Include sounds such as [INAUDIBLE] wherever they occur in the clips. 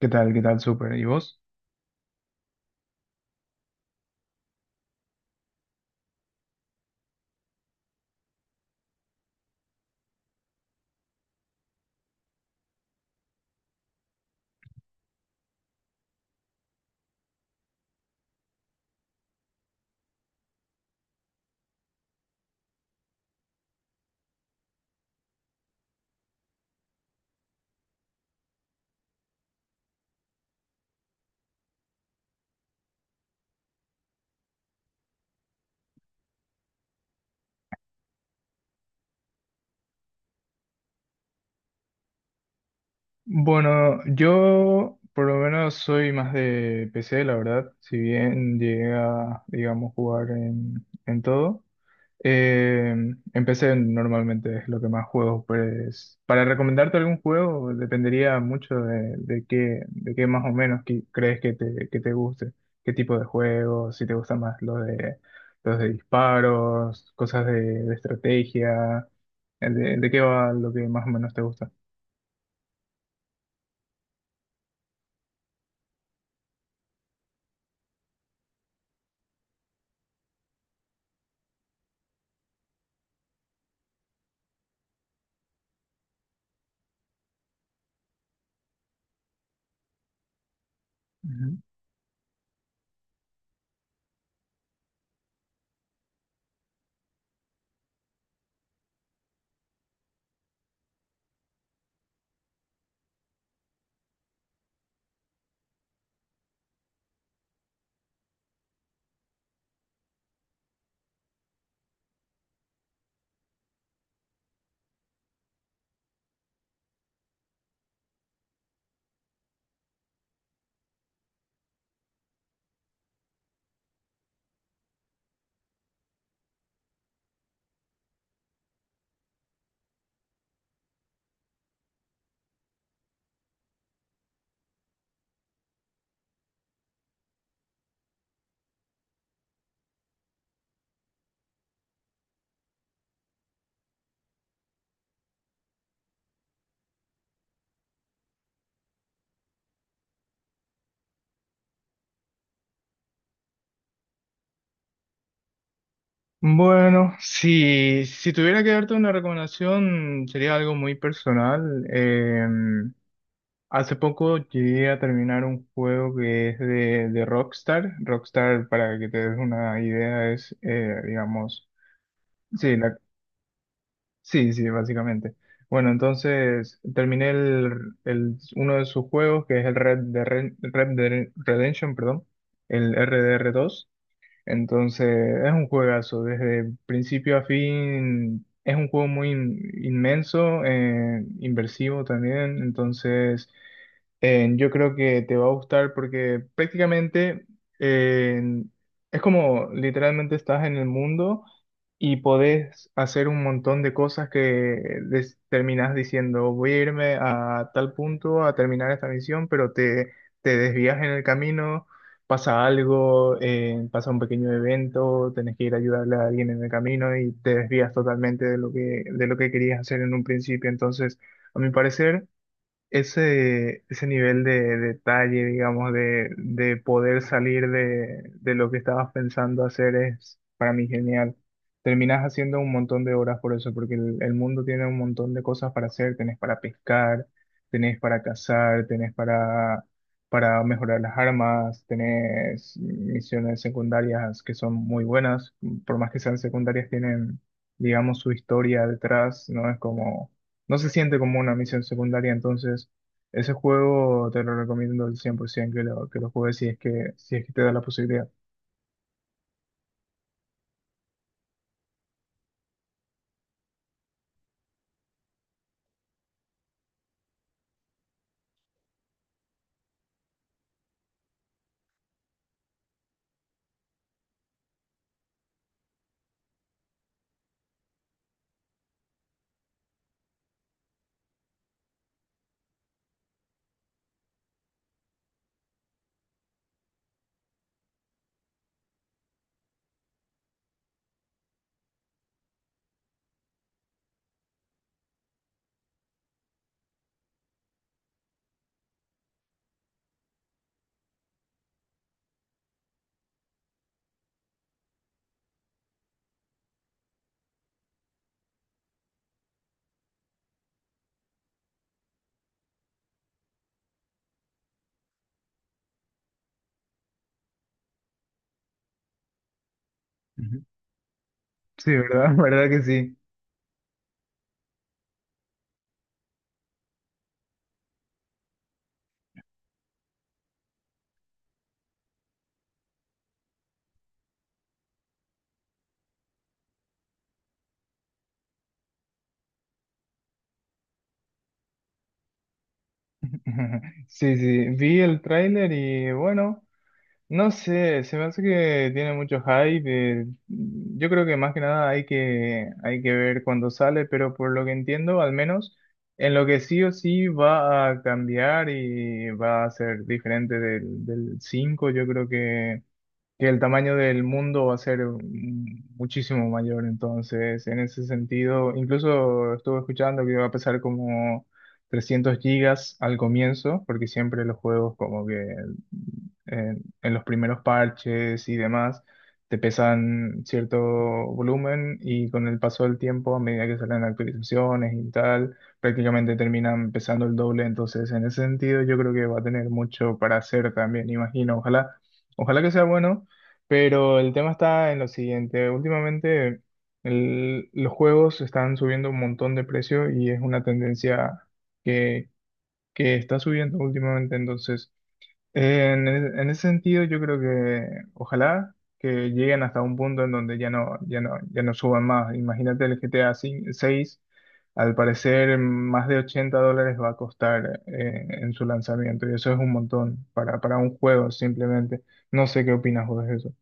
¿Qué tal? ¿Qué tal? Súper. ¿Y vos? Bueno, yo por lo menos soy más de PC, la verdad. Si bien llegué a, digamos, jugar en todo. eh, en PC normalmente es lo que más juego. Pues para recomendarte algún juego dependería mucho de qué más o menos crees que que te guste. ¿Qué tipo de juegos? Si te gustan más los de disparos, cosas de estrategia. De qué va lo que más o menos te gusta? Ujú. Bueno, si tuviera que darte una recomendación, sería algo muy personal. Hace poco llegué a terminar un juego que es de Rockstar. Rockstar, para que te des una idea, es, digamos, sí, sí, sí, básicamente. Bueno, entonces terminé uno de sus juegos, que es el Red Dead Redemption, perdón, el RDR2. Entonces, es un juegazo, desde principio a fin, es un juego muy inmenso, inversivo también, entonces yo creo que te va a gustar porque prácticamente eh, es como literalmente estás en el mundo y podés hacer un montón de cosas que terminás diciendo, voy a irme a tal punto a terminar esta misión, pero te desvías en el camino, pasa algo, pasa un pequeño evento, tenés que ir a ayudarle a alguien en el camino y te desvías totalmente de lo que querías hacer en un principio. Entonces, a mi parecer ese, ese nivel de detalle, digamos, de poder salir de lo que estabas pensando hacer es para mí genial. Terminas haciendo un montón de horas por eso, porque el mundo tiene un montón de cosas para hacer. Tenés para pescar, tenés para cazar, para mejorar las armas, tenés misiones secundarias que son muy buenas. Por más que sean secundarias, tienen, digamos, su historia detrás, ¿no? Es como no se siente como una misión secundaria, entonces ese juego te lo recomiendo al 100% que que lo juegues si es si es que te da la posibilidad. Ujú. Sí, ¿verdad? [LAUGHS] ¿Verdad que sí? [LAUGHS] Sí, sí, vi el tráiler y bueno, no sé, se me hace que tiene mucho hype. eh, yo creo que más que nada hay hay que ver cuando sale, pero por lo que entiendo, al menos en lo que sí o sí va a cambiar y va a ser diferente del cinco, yo creo que el tamaño del mundo va a ser muchísimo mayor. Entonces, en ese sentido, incluso estuve escuchando que va a pesar como 300 gigas al comienzo, porque siempre los juegos como que en los primeros parches y demás, te pesan cierto volumen y con el paso del tiempo, a medida que salen actualizaciones y tal, prácticamente terminan pesando el doble. Entonces, en ese sentido, yo creo que va a tener mucho para hacer también, imagino. Ojalá, ojalá que sea bueno, pero el tema está en lo siguiente. Últimamente los juegos están subiendo un montón de precio y es una tendencia que, que está subiendo últimamente. Entonces, en ese sentido, yo creo que ojalá que lleguen hasta un punto en donde ya no suban más. Imagínate el GTA 6, al parecer más de 80 dólares va a costar en su lanzamiento y eso es un montón para un juego simplemente. No sé qué opinas vos de eso.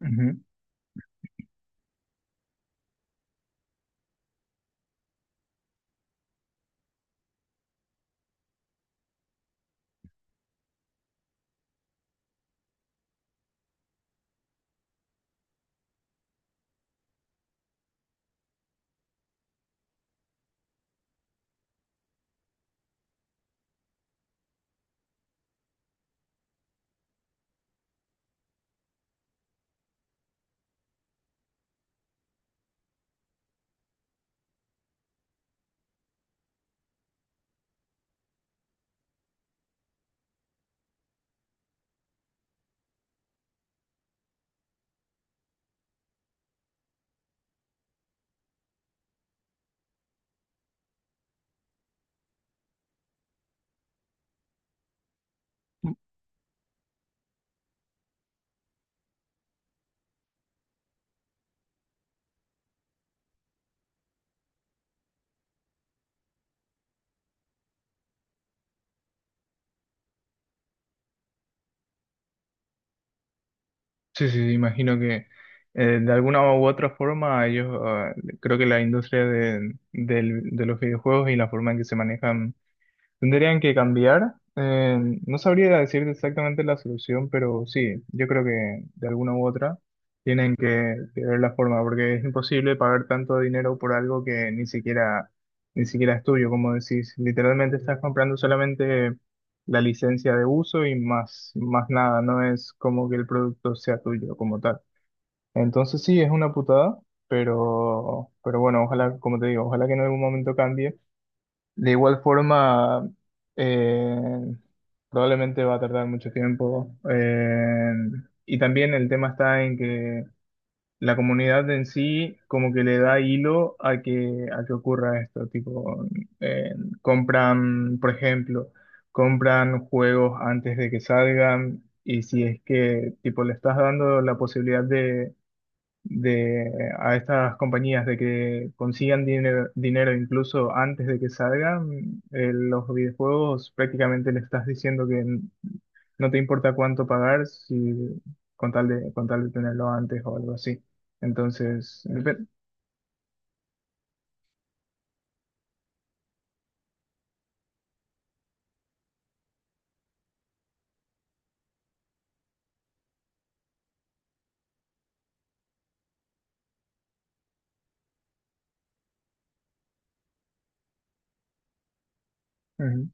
Ujú. Sí, sí, sí, imagino que de alguna u otra forma creo que la industria de los videojuegos y la forma en que se manejan tendrían que cambiar. No sabría decirte exactamente la solución, pero sí, yo creo que de alguna u otra tienen que ver la forma, porque es imposible pagar tanto dinero por algo que ni siquiera, ni siquiera es tuyo, como decís. Literalmente estás comprando solamente la licencia de uso y más, más nada, no es como que el producto sea tuyo como tal. Entonces sí, es una putada, pero bueno, ojalá, como te digo, ojalá que en algún momento cambie. De igual forma, eh, probablemente va a tardar mucho tiempo. Y también el tema está en que la comunidad en sí como que le da hilo a que ocurra esto. Tipo, eh, compran, por ejemplo, compran juegos antes de que salgan y si es que tipo le estás dando la posibilidad de, a estas compañías de que consigan dinero, dinero incluso antes de que salgan los videojuegos, prácticamente le estás diciendo que no te importa cuánto pagar si con tal con tal de tenerlo antes o algo así. Entonces, mm. Ujú.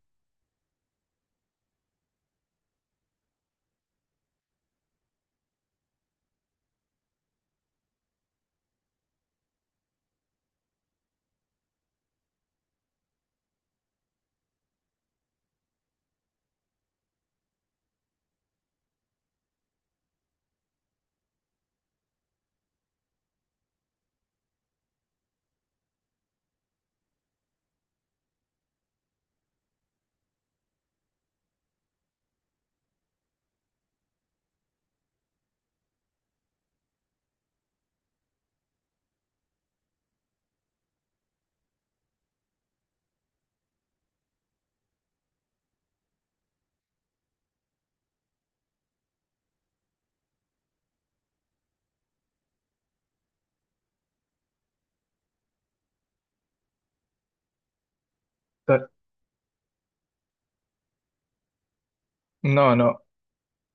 Ta- no, no.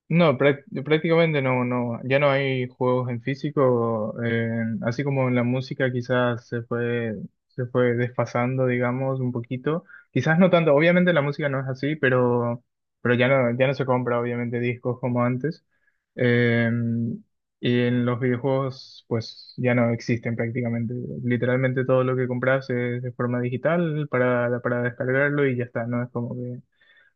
No, prácticamente no, no, ya no hay juegos en físico, así como en la música quizás se fue desfasando, digamos, un poquito. Quizás no tanto, obviamente la música no es así, pero ya no se compra obviamente discos como antes. Eh, y en los videojuegos pues ya no existen prácticamente. Literalmente todo lo que compras es de forma digital para descargarlo y ya está, no es como que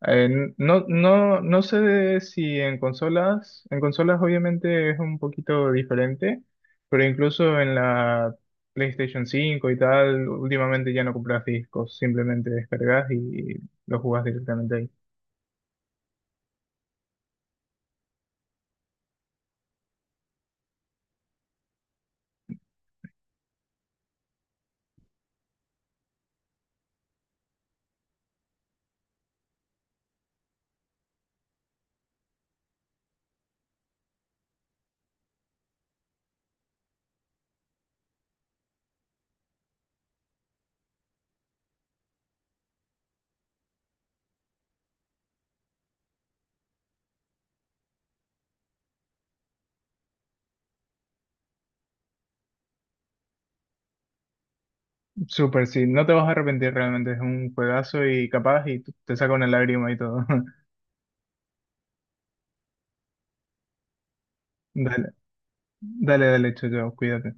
eh, no, no, no sé de si en consolas, en consolas obviamente es un poquito diferente, pero incluso en la PlayStation 5 y tal, últimamente ya no compras discos, simplemente descargas y lo jugás directamente ahí. Súper, sí, no te vas a arrepentir realmente, es un juegazo y capaz y te saca una lágrima y todo. [LAUGHS] Dale, dale, dale, chao, chao, cuídate.